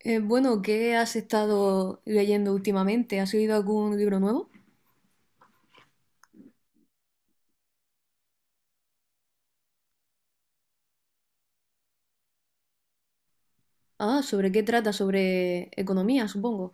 Bueno, ¿Qué has estado leyendo últimamente? ¿Has leído algún libro nuevo? Ah, ¿sobre qué trata? Sobre economía, supongo.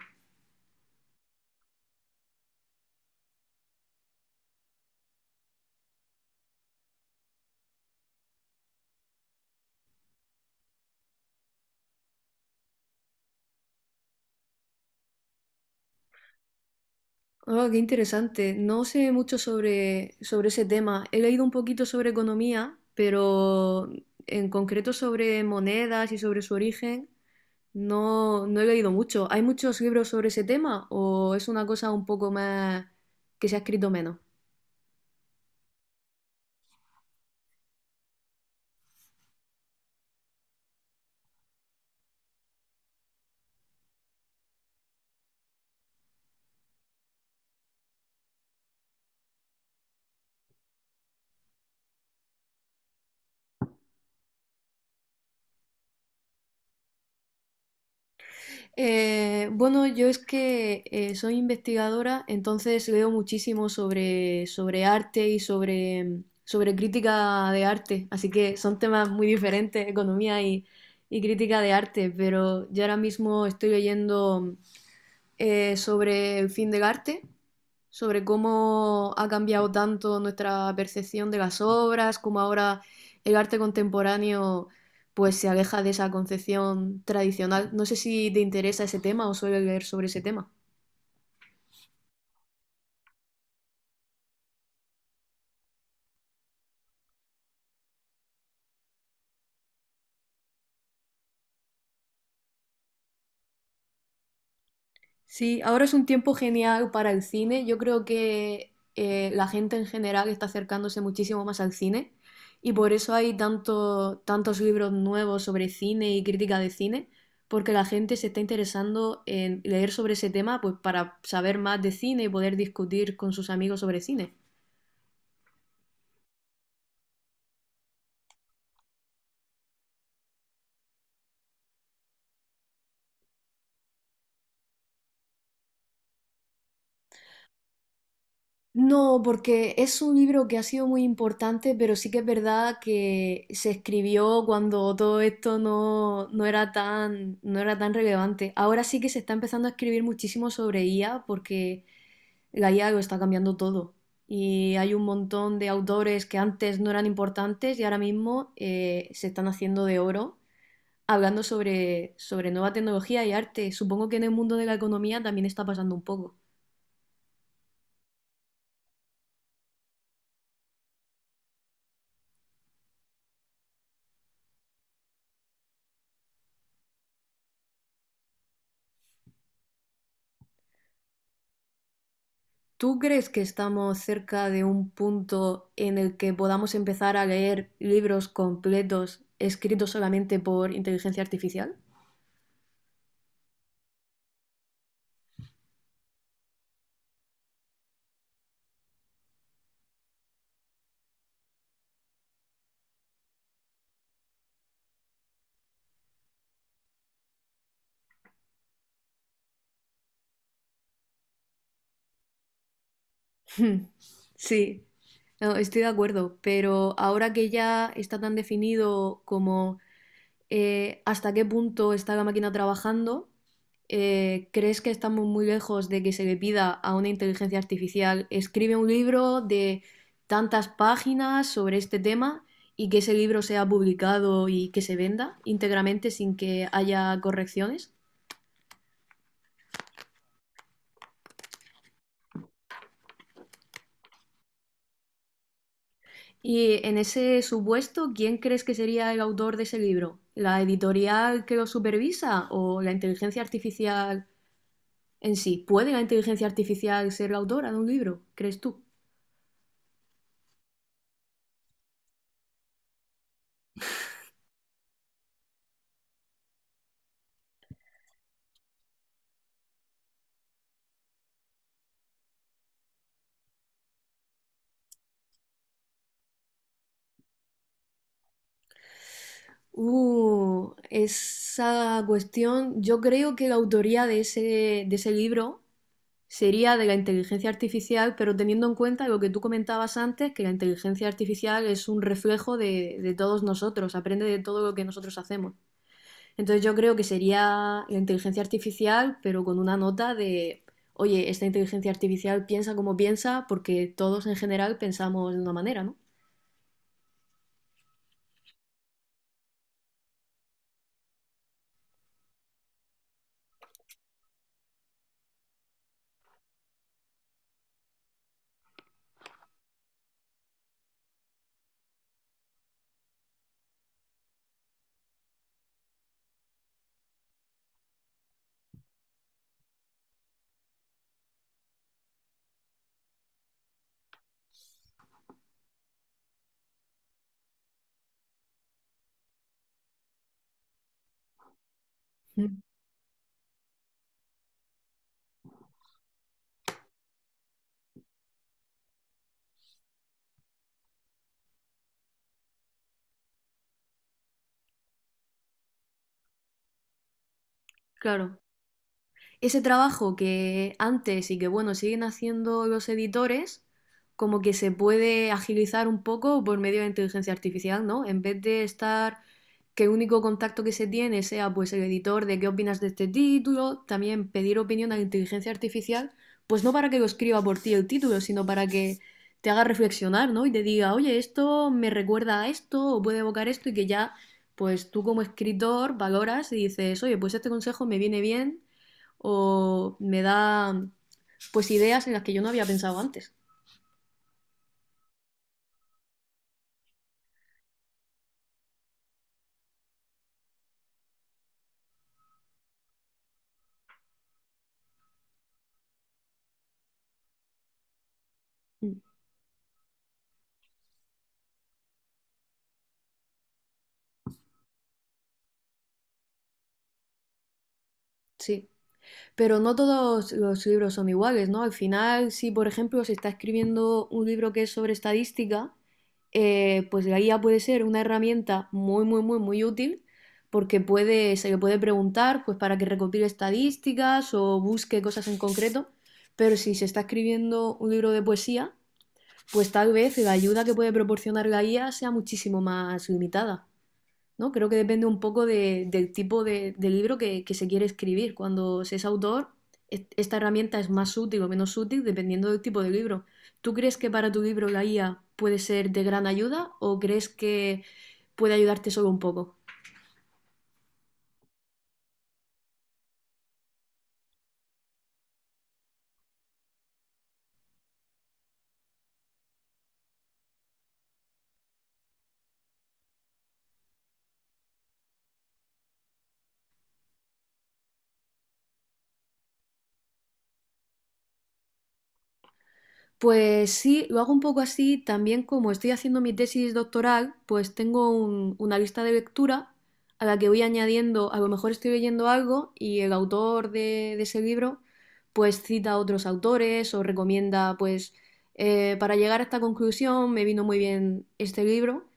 Oh, qué interesante. No sé mucho sobre ese tema. He leído un poquito sobre economía, pero en concreto sobre monedas y sobre su origen, no he leído mucho. ¿Hay muchos libros sobre ese tema o es una cosa un poco más que se ha escrito menos? Bueno, yo es que soy investigadora, entonces leo muchísimo sobre arte y sobre sobre crítica de arte, así que son temas muy diferentes, economía y crítica de arte, pero yo ahora mismo estoy leyendo sobre el fin del arte, sobre cómo ha cambiado tanto nuestra percepción de las obras, cómo ahora el arte contemporáneo pues se aleja de esa concepción tradicional. No sé si te interesa ese tema o suele leer sobre ese tema. Sí, ahora es un tiempo genial para el cine. Yo creo que la gente en general está acercándose muchísimo más al cine y por eso hay tantos libros nuevos sobre cine y crítica de cine, porque la gente se está interesando en leer sobre ese tema, pues, para saber más de cine y poder discutir con sus amigos sobre cine. No, porque es un libro que ha sido muy importante, pero sí que es verdad que se escribió cuando todo esto no era tan, no era tan relevante. Ahora sí que se está empezando a escribir muchísimo sobre IA, porque la IA lo está cambiando todo. Y hay un montón de autores que antes no eran importantes y ahora mismo se están haciendo de oro hablando sobre nueva tecnología y arte. Supongo que en el mundo de la economía también está pasando un poco. ¿Tú crees que estamos cerca de un punto en el que podamos empezar a leer libros completos escritos solamente por inteligencia artificial? Sí, no, estoy de acuerdo, pero ahora que ya está tan definido como, hasta qué punto está la máquina trabajando, ¿crees que estamos muy lejos de que se le pida a una inteligencia artificial escribe un libro de tantas páginas sobre este tema y que ese libro sea publicado y que se venda íntegramente sin que haya correcciones? Y en ese supuesto, ¿quién crees que sería el autor de ese libro? ¿La editorial que lo supervisa o la inteligencia artificial en sí? ¿Puede la inteligencia artificial ser la autora de un libro? ¿Crees tú? Esa cuestión, yo creo que la autoría de ese libro sería de la inteligencia artificial, pero teniendo en cuenta lo que tú comentabas antes, que la inteligencia artificial es un reflejo de todos nosotros, aprende de todo lo que nosotros hacemos. Entonces yo creo que sería la inteligencia artificial, pero con una nota de, oye, esta inteligencia artificial piensa como piensa, porque todos en general pensamos de una manera, ¿no? Mm. Claro. Ese trabajo que antes y que, bueno, siguen haciendo los editores, como que se puede agilizar un poco por medio de inteligencia artificial, ¿no? En vez de estar que el único contacto que se tiene sea pues el editor de qué opinas de este título, también pedir opinión a la inteligencia artificial, pues no para que lo escriba por ti el título, sino para que te haga reflexionar, ¿no? Y te diga, oye, esto me recuerda a esto, o puede evocar esto, y que ya, pues tú como escritor valoras y dices, oye, pues este consejo me viene bien o me da pues ideas en las que yo no había pensado antes. Mm. Sí, pero no todos los libros son iguales, ¿no? Al final, si por ejemplo se está escribiendo un libro que es sobre estadística, pues la guía puede ser una herramienta muy útil porque puede, se le puede preguntar pues para que recopile estadísticas o busque cosas en concreto, pero si se está escribiendo un libro de poesía, pues tal vez la ayuda que puede proporcionar la guía sea muchísimo más limitada. ¿No? Creo que depende un poco del tipo de libro que se quiere escribir. Cuando se es autor, esta herramienta es más útil o menos útil dependiendo del tipo de libro. ¿Tú crees que para tu libro la IA puede ser de gran ayuda o crees que puede ayudarte solo un poco? Pues sí, lo hago un poco así. También, como estoy haciendo mi tesis doctoral, pues tengo una lista de lectura a la que voy añadiendo, a lo mejor estoy leyendo algo y el autor de ese libro pues cita a otros autores o recomienda pues, para llegar a esta conclusión me vino muy bien este libro,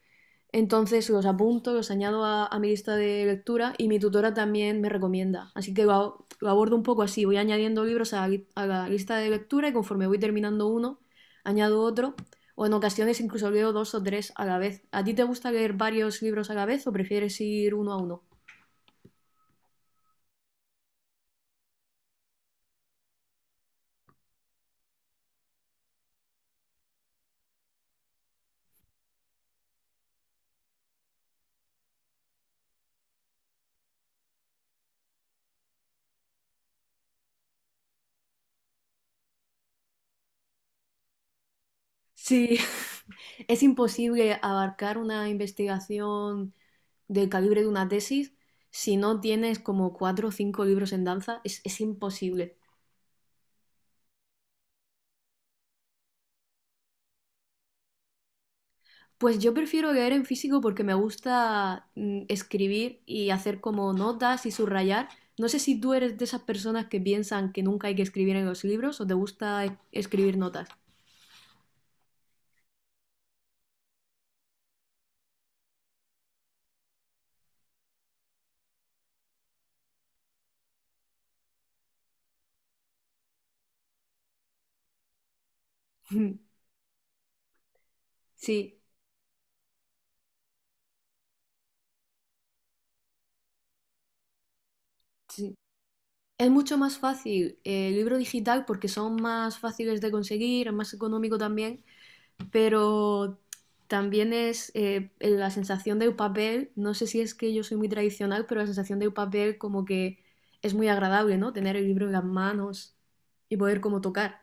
entonces los apunto, los añado a mi lista de lectura y mi tutora también me recomienda. Así que lo, lo abordo un poco así. Voy añadiendo libros a a la lista de lectura y conforme voy terminando uno, añado otro. O en ocasiones incluso leo dos o tres a la vez. ¿A ti te gusta leer varios libros a la vez o prefieres ir uno a uno? Sí, es imposible abarcar una investigación del calibre de una tesis si no tienes como cuatro o cinco libros en danza. Es imposible. Pues yo prefiero leer en físico porque me gusta, escribir y hacer como notas y subrayar. No sé si tú eres de esas personas que piensan que nunca hay que escribir en los libros o te gusta escribir notas. Sí, sí. Es mucho más fácil, el libro digital, porque son más fáciles de conseguir, es más económico también, pero también es, la sensación de papel, no sé si es que yo soy muy tradicional, pero la sensación de papel como que es muy agradable, ¿no? Tener el libro en las manos y poder como tocar.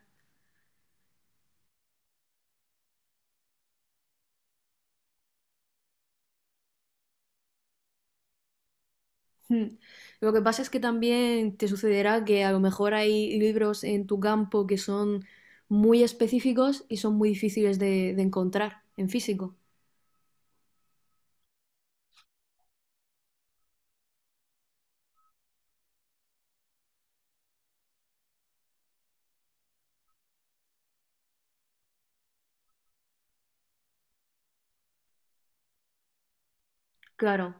Mm. Lo que pasa es que también te sucederá que a lo mejor hay libros en tu campo que son muy específicos y son muy difíciles de encontrar en físico. Claro,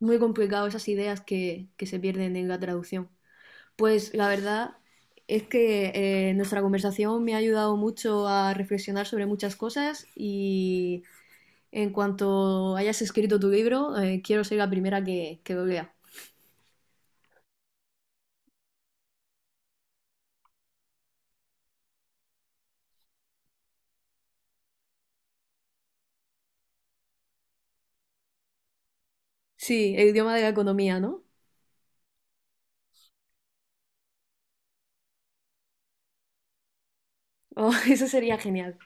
muy complicado esas ideas que se pierden en la traducción. Pues la verdad es que, nuestra conversación me ha ayudado mucho a reflexionar sobre muchas cosas y en cuanto hayas escrito tu libro, quiero ser la primera que lo lea. Sí, el idioma de la economía, ¿no? Oh, eso sería genial.